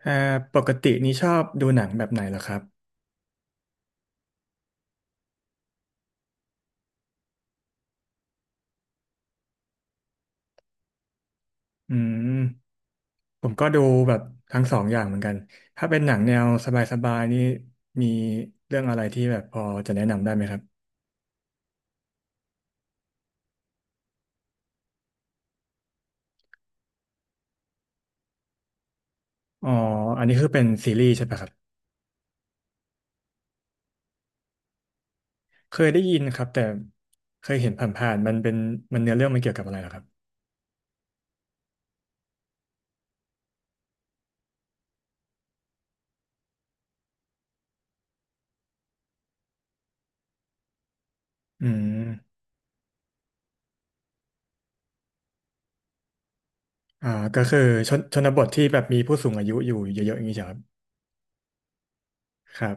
เอ่อปกตินี้ชอบดูหนังแบบไหนเหรอครับอืมผมก็ดูแบบทั้งสองอย่างเหมือนกัน ถ้าเป็นหนังแนวสบายๆนี่มีเรื่องอะไรที่แบบพอจะแนะนำได้ไหมครับอ๋ออันนี้คือเป็นซีรีส์ใช่ปะครับ เคยได้ยินครับแต่เคยเห็นผ่านๆมันเป็นมันเนื้อเรื่องมันเกี่ยวกับอะไรเหรอครับอืมอ่าก็คือชนบทที่แบบมีผู้สูงอายุอยู่เยอะๆอย่างนี้ใช่ครับครับ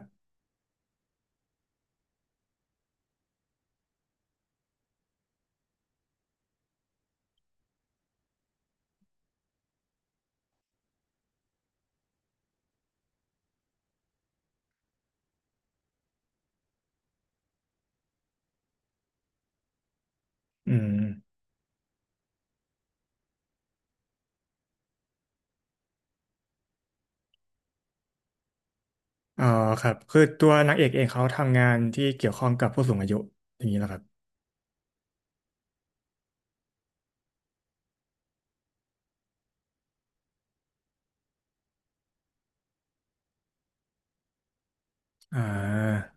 อืมอ๋อครับคือตัวนางเอกเองเขาทำงานที่เกี่ยวข้องกับผู้สูงอายุอย่างนี้เหรอครับ อ่า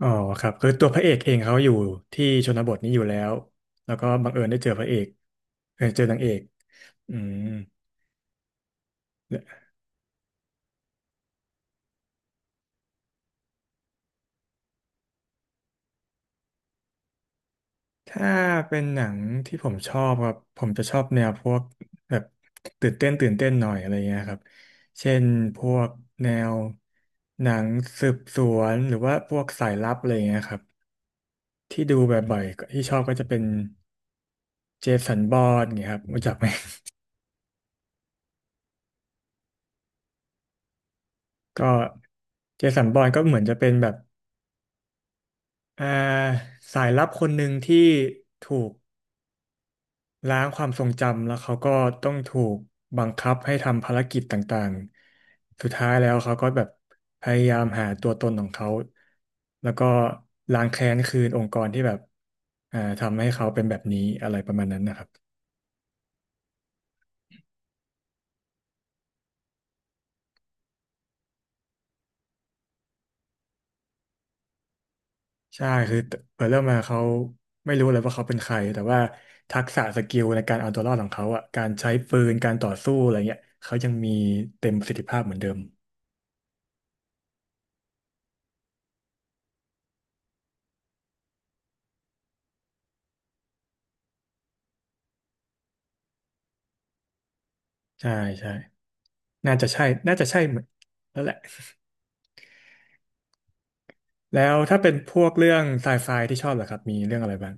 อ๋อครับคือตัวพระเอกเองเขาอยู่ที่ชนบทนี้อยู่แล้วแล้วก็บังเอิญได้เจอพระเอกเออเจอนางเอกอืมถ้าเป็นหนังที่ผมชอบครับผมจะชอบแนวพวกแบบตื่นเต้นหน่อยอะไรเงี้ยครับเช่นพวกแนวหนังสืบสวนหรือว่าพวกสายลับอะไรเงี้ยครับที่ดูบ่อยๆที่ชอบก็จะเป็นเจสันบอนเงี้ยครับรู้จักไหม ก็เจสันบอนก็เหมือนจะเป็นแบบ อ่าสายลับคนหนึ่งที่ถูกล้างความทรงจำแล้วเขาก็ต้องถูกบังคับให้ทำภารกิจต่างๆ สุดท้ายแล้วเขาก็แบบพยายามหาตัวตนของเขาแล้วก็ล้างแค้นคืนองค์กรที่แบบทำให้เขาเป็นแบบนี้อะไรประมาณนั้นนะครับใช่คือเปิดเรื่องมาเขาไม่รู้เลยว่าเขาเป็นใครแต่ว่าทักษะสกิลในการเอาตัวรอดของเขาอ่ะการใช้ปืนการต่อสู้อะไรเงี้ยเขายังมีเต็มประสิทธิภาพเหมือนเดิมใช่ใช่ น่าจะใช่เหมือนแล้วแหละแล้วถ้าเป็นพวกเรื่องไซไฟที่ชอบเหรอครับมีเรื่องอะไรบ้าง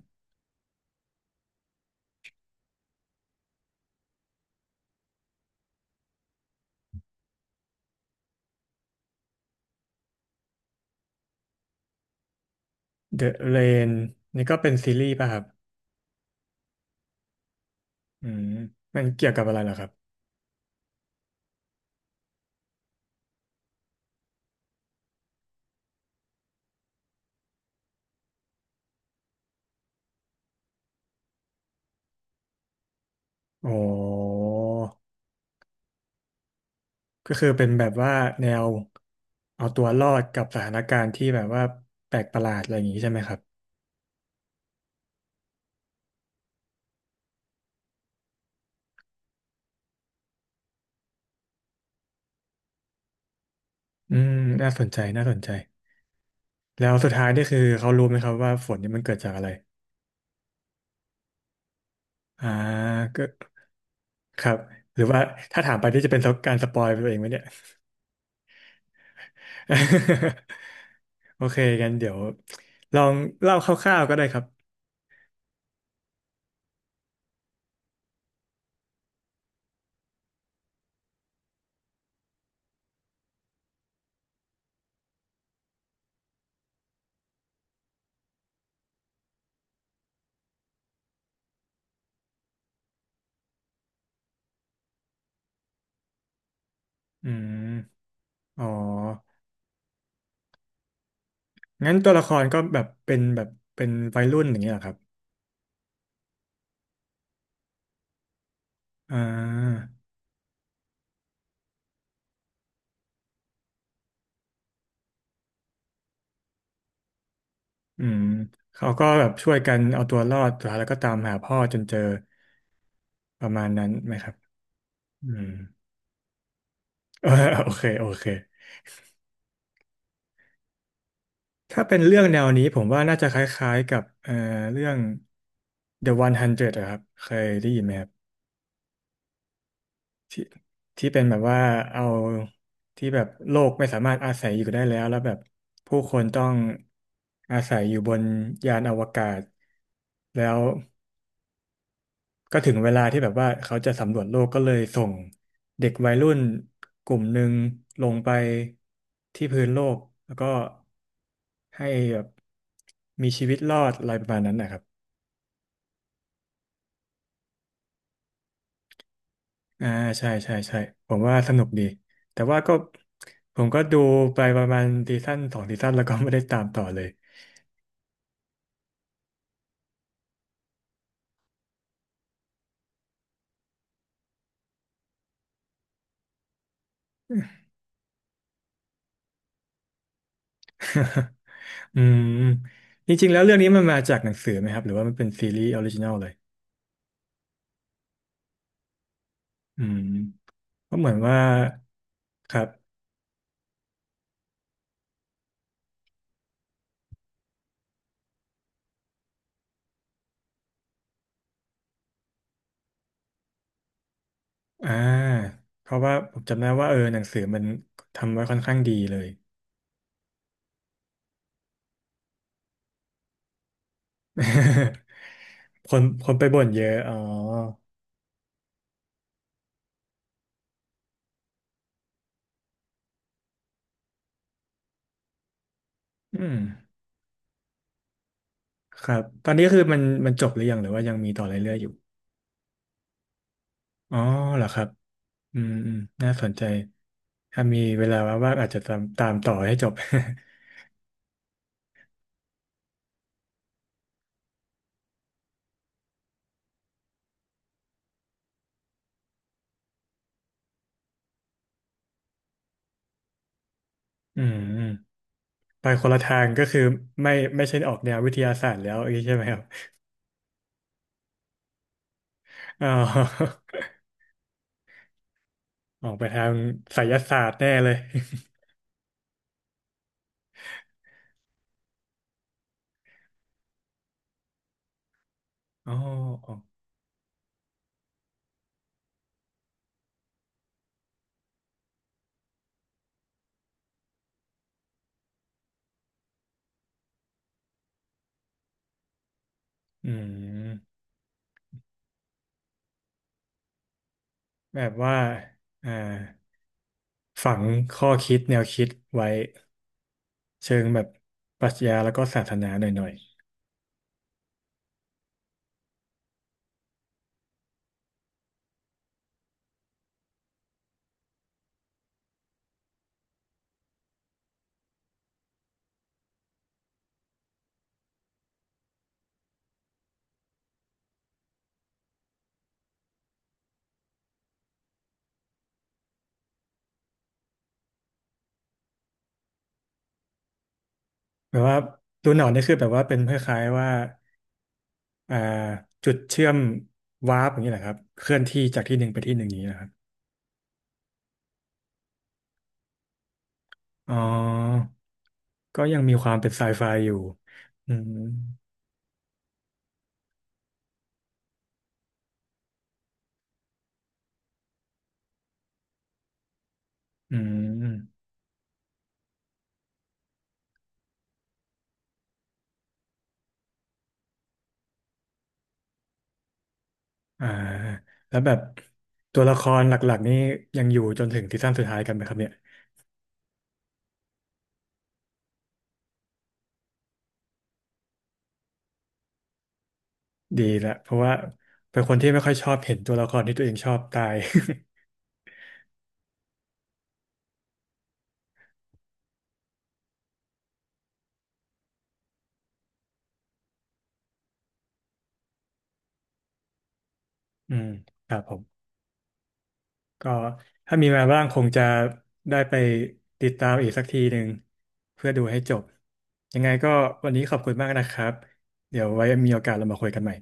The Rain นี่ก็เป็นซีรีส์ป่ะครับอืมมันเกี่ยวกับอะไรเหรอครับโอ้ก็คือเป็นแบบว่าแนวเอาตัวรอดกับสถานการณ์ที่แบบว่าแปลกประหลาดอะไรอย่างนี้ใช่ไหมครับอืมน่าสนใจ แล้วสุดท้ายนี่คือเขารู้ไหมครับว่าฝนนี่มันเกิดจากอะไรอ่าก็ครับหรือว่าถ้าถามไปที่จะเป็นการสปอยไปตัวเองไหมเนี่ย โอเคกันเดี๋ยวลองเล่าคร่าวๆก็ได้ครับอืมอ๋องั้นตัวละครก็แบบเป็นแบบเป็นวัยรุ่นอย่างเงี้ยเหรอครับอ่าอืมเขาก็แบบช่วยกันเอาตัวรอดสุดท้ายแล้วก็ตามหาพ่อจนเจอประมาณนั้นไหมครับอืม โอเคถ้าเป็นเรื่องแนวนี้ผมว่าน่าจะคล้ายๆกับเรื่อง The 100อยอะครับเคยได้ยินไหมครับ ที่ที่เป็นแบบว่าเอาที่แบบโลกไม่สามารถอาศัยอยู่ได้แล้วแล้วแบบผู้คนต้องอาศัยอยู่บนยานอวกาศแล้วก็ถึงเวลาที่แบบว่าเขาจะสำรวจโลกก็เลยส่งเด็กวัยรุ่นกลุ่มหนึ่งลงไปที่พื้นโลกแล้วก็ให้แบบมีชีวิตรอดอะไรประมาณนั้นนะครับ อ่าใช่ผมว่าสนุกดีแต่ว่าก็ผมก็ดูไปประมาณซีซั่นสองซีซั่นแล้วก็ไม่ได้ตามต่อเลย อืมจริงๆแล้วเรื่องนี้มันมาจากหนังสือไหมครับหรือว่ามันเป็นซีรีส์ออริจินอลเลยอืมก็เหมือนว่าครับอ่าเพราะว่าผมจำได้ว่าเออหนังสือมันทำไว้ค่อนข้างดีเลย คนไปบ่นเยอะอ๋ออืมครับตอนนี้คือมันจบหรือยังหรือว่ายังมีต่อเรื่อยๆอยู่อ๋อเหรอครับ อืมอืมน่าสนใจ ถ้ามีเวลาว่างๆอาจจะตามต่อให้จบ อืมอืมไปคนละทางก็คือไม่ใช่ออกแนววิทยาศาสตร์แล้วอย่างนี้ใช่ไหมครับอ๋อ ออกไปทางไสยศาสตร์แน่เลย อ๋ออ๋ออืมแบบว่าอ่าฝังข้อคิดแนวคิดไว้เชิงแบบปรัชญาแล้วก็ศาสนาหน่อยๆแบบว่าดูหนอนนี่คือแบบว่าเป็นคล้ายๆว่า อ่าจุดเชื่อมวาร์ปอย่างนี้แหละครับเคลื่อนที่จากที่หนึ่งไปที่หนึ่งอย่างนี้นะครับอ๋อก็ยังมีความเป็นไซไฟอยู่อืมอืมอ่าแล้วแบบตัวละครหลักๆนี่ยังอยู่จนถึงซีซั่นสุดท้ายกันไหมครับเนี่ยดีละเพราะว่าเป็นคนที่ไม่ค่อยชอบเห็นตัวละครที่ตัวเองชอบตาย อืมครับผม ก็ถ้ามีเวลาว่างคงจะได้ไปติดตามอีกสักทีหนึ่งเพื่อดูให้จบยังไงก็วันนี้ขอบคุณมากนะครับเดี๋ยวไว้มีโอกาสเรามาคุยกันใหม่